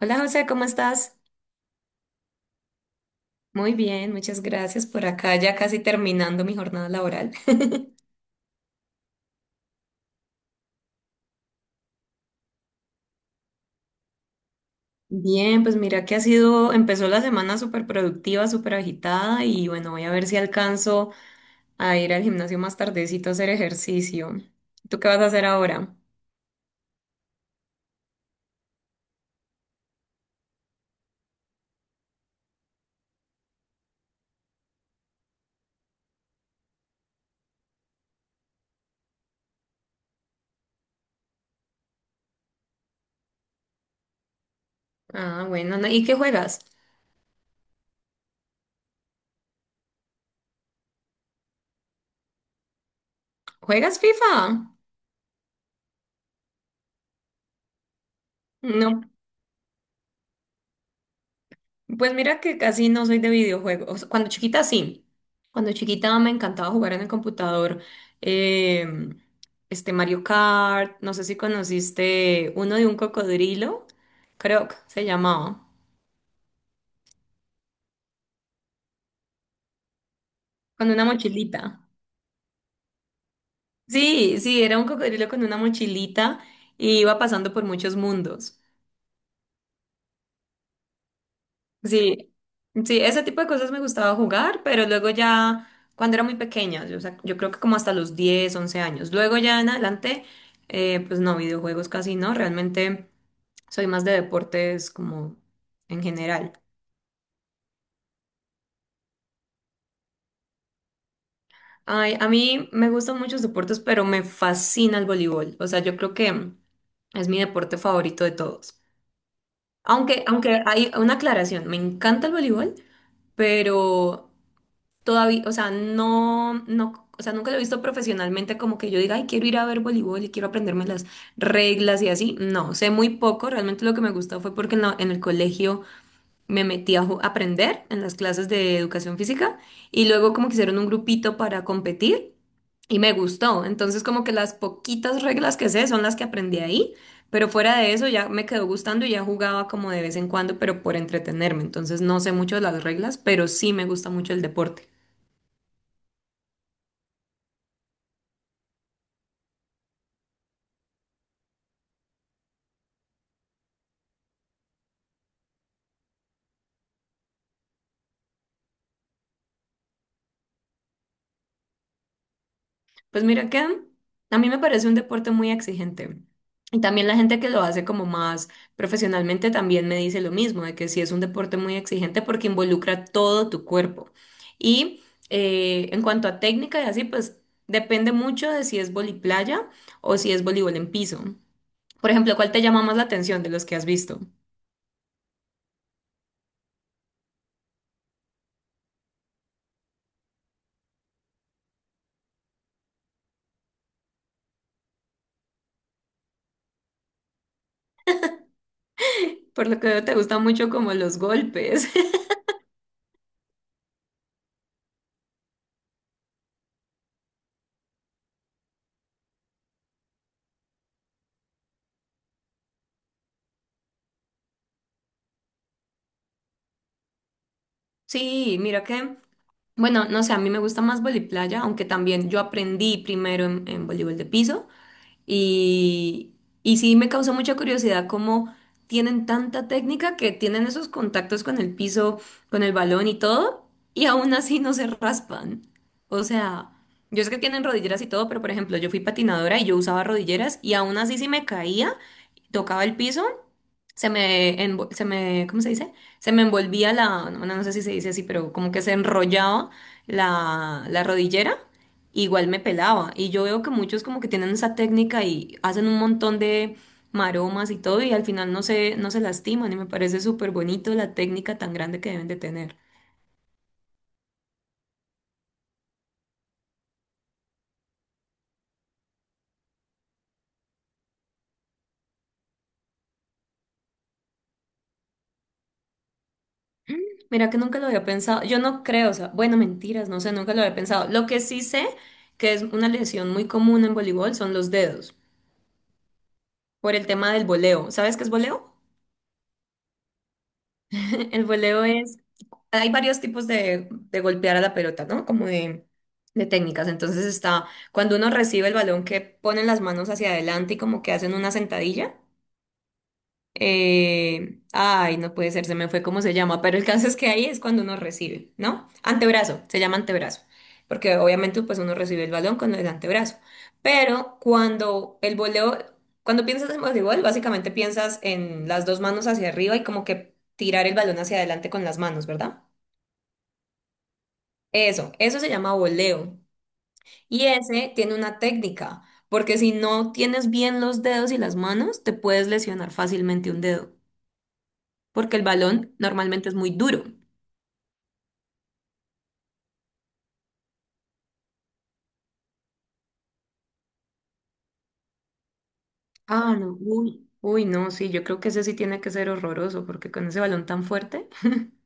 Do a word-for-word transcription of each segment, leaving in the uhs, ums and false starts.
Hola José, ¿cómo estás? Muy bien, muchas gracias por acá, ya casi terminando mi jornada laboral. Bien, pues mira que ha sido, empezó la semana súper productiva, súper agitada y bueno, voy a ver si alcanzo a ir al gimnasio más tardecito a hacer ejercicio. ¿Tú qué vas a hacer ahora? Ah, bueno, no- ¿y qué juegas? ¿Juegas FIFA? No. Pues mira que casi no soy de videojuegos. Cuando chiquita sí. Cuando chiquita me encantaba jugar en el computador. eh, este Mario Kart, no sé si conociste uno de un cocodrilo, creo que se llamaba, con una mochilita. Sí, sí, era un cocodrilo con una mochilita y iba pasando por muchos mundos. Sí, sí, ese tipo de cosas me gustaba jugar, pero luego ya, cuando era muy pequeña, yo, o sea, yo creo que como hasta los diez, once años. Luego ya en adelante, eh, pues no, videojuegos casi no, realmente soy más de deportes como en general. Ay, a mí me gustan muchos deportes, pero me fascina el voleibol. O sea, yo creo que es mi deporte favorito de todos. Aunque, aunque hay una aclaración, me encanta el voleibol, pero todavía, o sea, no, no, o sea, nunca lo he visto profesionalmente como que yo diga, ay, quiero ir a ver voleibol y quiero aprenderme las reglas y así. No, sé muy poco. Realmente lo que me gustó fue porque en, la- en el colegio me metí a ju- a aprender en las clases de educación física y luego como que hicieron un grupito para competir. Y me gustó. Entonces, como que las poquitas reglas que sé son las que aprendí ahí, pero fuera de eso ya me quedó gustando y ya jugaba como de vez en cuando, pero por entretenerme. Entonces, no sé mucho de las reglas, pero sí me gusta mucho el deporte. Pues mira que a mí me parece un deporte muy exigente. Y también la gente que lo hace como más profesionalmente también me dice lo mismo, de que sí es un deporte muy exigente porque involucra todo tu cuerpo. Y eh, en cuanto a técnica y así, pues depende mucho de si es voliplaya o si es voleibol en piso. Por ejemplo, ¿cuál te llama más la atención de los que has visto? Por lo que veo, te gustan mucho como los golpes. Sí, mira que bueno, no sé, a mí me gusta más playa, aunque también yo aprendí primero en, en voleibol de piso y, y sí me causó mucha curiosidad cómo tienen tanta técnica que tienen esos contactos con el piso, con el balón y todo, y aún así no se raspan. O sea, yo sé que tienen rodilleras y todo, pero por ejemplo, yo fui patinadora y yo usaba rodilleras y aún así si me caía, tocaba el piso se me, envo- se me, ¿cómo se dice? Se me envolvía la, no, no sé si se dice así, pero como que se enrollaba la, la rodillera, igual me pelaba. Y yo veo que muchos como que tienen esa técnica y hacen un montón de maromas y todo, y al final no se, no se lastiman, y me parece súper bonito la técnica tan grande que deben de tener. Mira que nunca lo había pensado, yo no creo, o sea, bueno, mentiras, no sé, nunca lo había pensado. Lo que sí sé que es una lesión muy común en voleibol son los dedos, por el tema del voleo. ¿Sabes qué es voleo? El voleo es, hay varios tipos de, de golpear a la pelota, ¿no? Como de, de técnicas. Entonces está cuando uno recibe el balón que ponen las manos hacia adelante y como que hacen una sentadilla. Eh, ay, no puede ser, se me fue cómo se llama, pero el caso es que ahí es cuando uno recibe, ¿no? Antebrazo, se llama antebrazo, porque obviamente pues uno recibe el balón con el antebrazo, pero cuando el voleo, cuando piensas en voleibol, básicamente piensas en las dos manos hacia arriba y como que tirar el balón hacia adelante con las manos, ¿verdad? Eso, eso se llama voleo y ese tiene una técnica, porque si no tienes bien los dedos y las manos, te puedes lesionar fácilmente un dedo, porque el balón normalmente es muy duro. Ah, no, uy, uy, no, sí, yo creo que ese sí tiene que ser horroroso, porque con ese balón tan fuerte.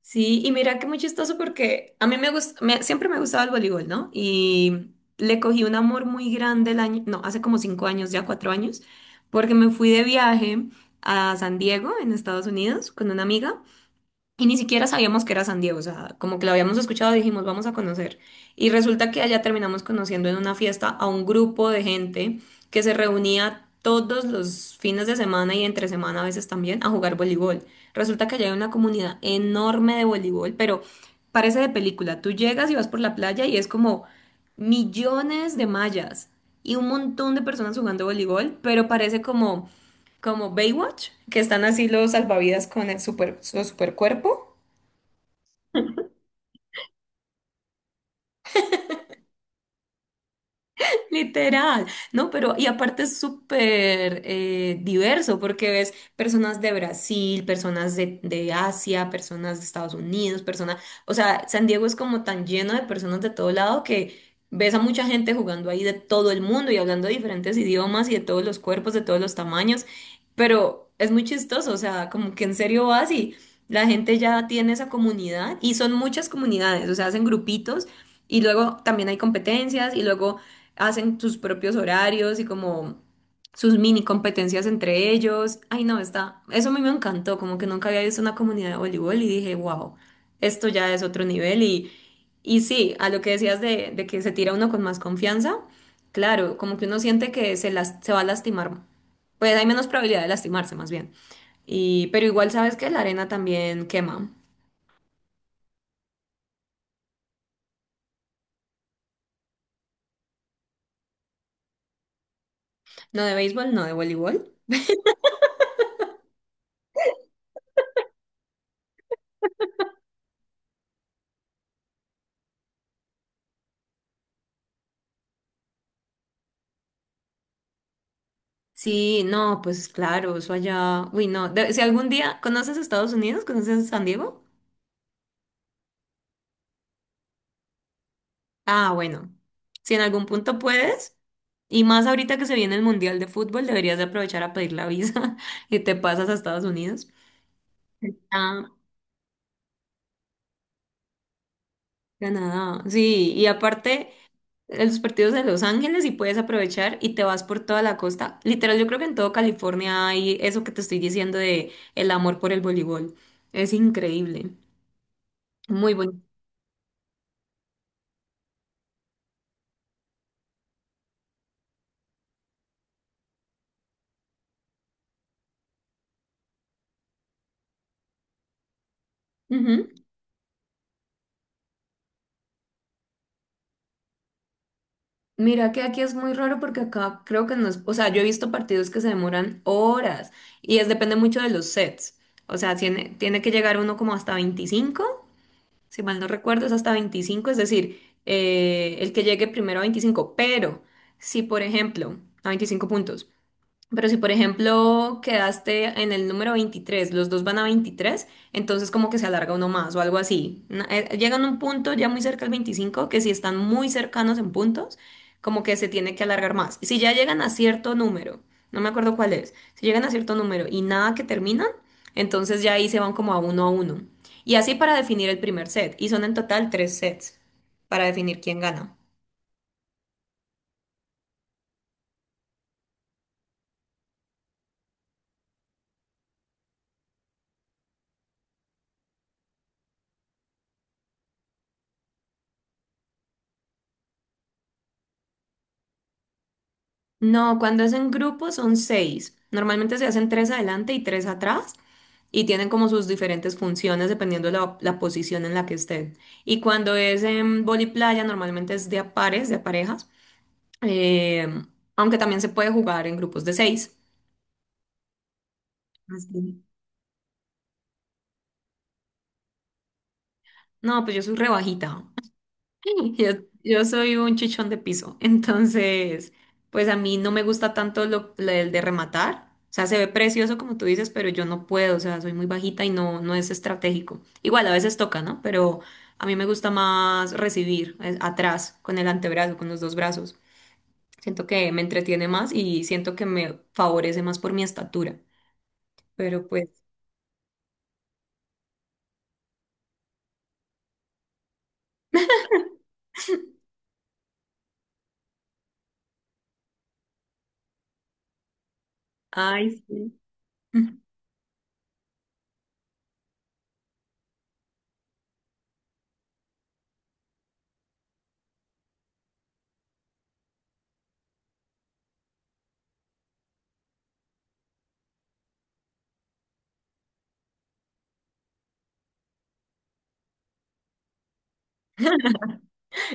Sí, y mira que muy chistoso porque a mí me gusta, siempre me ha gustado el voleibol, ¿no? Y le cogí un amor muy grande el año, no, hace como cinco años, ya cuatro años, porque me fui de viaje a San Diego, en Estados Unidos, con una amiga. Y ni siquiera sabíamos que era San Diego, o sea, como que lo habíamos escuchado, dijimos, vamos a conocer. Y resulta que allá terminamos conociendo en una fiesta a un grupo de gente que se reunía todos los fines de semana y entre semana a veces también a jugar voleibol. Resulta que allá hay una comunidad enorme de voleibol, pero parece de película. Tú llegas y vas por la playa y es como millones de mallas y un montón de personas jugando voleibol, pero parece como, como Baywatch, que están así los salvavidas con el super, su super cuerpo. Literal, ¿no? Pero y aparte es súper eh, diverso porque ves personas de Brasil, personas de, de Asia, personas de Estados Unidos, personas, o sea, San Diego es como tan lleno de personas de todo lado que ves a mucha gente jugando ahí de todo el mundo y hablando de diferentes idiomas y de todos los cuerpos, de todos los tamaños, pero es muy chistoso, o sea, como que en serio vas y la gente ya tiene esa comunidad y son muchas comunidades, o sea, hacen grupitos. Y luego también hay competencias y luego hacen sus propios horarios y como sus mini competencias entre ellos. Ay, no, está, eso a mí me encantó, como que nunca había visto una comunidad de voleibol y dije, wow, esto ya es otro nivel y, y sí, a lo que decías de, de que se tira uno con más confianza, claro, como que uno siente que se, las, se va a lastimar, pues hay menos probabilidad de lastimarse más bien. Y, pero igual sabes que la arena también quema. No de béisbol, no de voleibol. Sí, no, pues claro, eso allá. Uy, no. De- si algún día conoces Estados Unidos, conoces San Diego. Ah, bueno. Si en algún punto puedes, y más ahorita que se viene el Mundial de Fútbol, deberías de aprovechar a pedir la visa y te pasas a Estados Unidos. Ah, Canadá. Sí, y aparte, eh, los partidos de Los Ángeles y puedes aprovechar y te vas por toda la costa. Literal, yo creo que en todo California hay eso que te estoy diciendo de el amor por el voleibol. Es increíble. Muy bonito. Mira que aquí es muy raro porque acá creo que no es, o sea, yo he visto partidos que se demoran horas y es depende mucho de los sets. O sea, tiene, tiene que llegar uno como hasta veinticinco, si mal no recuerdo, es hasta veinticinco, es decir, eh, el que llegue primero a veinticinco. Pero si por ejemplo, a veinticinco puntos, pero si, por ejemplo, quedaste en el número veintitrés, los dos van a veintitrés, entonces como que se alarga uno más o algo así. Na- eh, Llegan a un punto ya muy cerca al veinticinco que si están muy cercanos en puntos, como que se tiene que alargar más. Si ya llegan a cierto número, no me acuerdo cuál es, si llegan a cierto número y nada que terminan, entonces ya ahí se van como a uno a uno. Y así para definir el primer set. Y son en total tres sets para definir quién gana. No, cuando es en grupo son seis. Normalmente se hacen tres adelante y tres atrás y tienen como sus diferentes funciones dependiendo la, la posición en la que estén. Y cuando es en vóley playa normalmente es de a pares, de a parejas, eh, aunque también se puede jugar en grupos de seis. Así. No, pues yo soy rebajita. Yo, yo soy un chichón de piso, entonces, pues a mí no me gusta tanto lo, lo del de rematar. O sea, se ve precioso como tú dices, pero yo no puedo, o sea, soy muy bajita y no, no es estratégico. Igual a veces toca, ¿no? Pero a mí me gusta más recibir eh, atrás, con el antebrazo, con los dos brazos. Siento que me entretiene más y siento que me favorece más por mi estatura. Pero pues, ay, sí.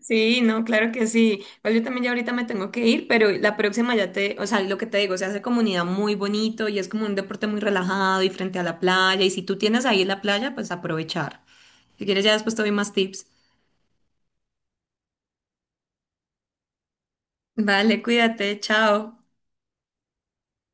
Sí, no, claro que sí. Igual yo también ya ahorita me tengo que ir, pero la próxima ya te, o sea, lo que te digo, se hace comunidad muy bonito y es como un deporte muy relajado y frente a la playa. Y si tú tienes ahí la playa, pues aprovechar. Si quieres, ya después te doy más tips. Vale, cuídate, chao.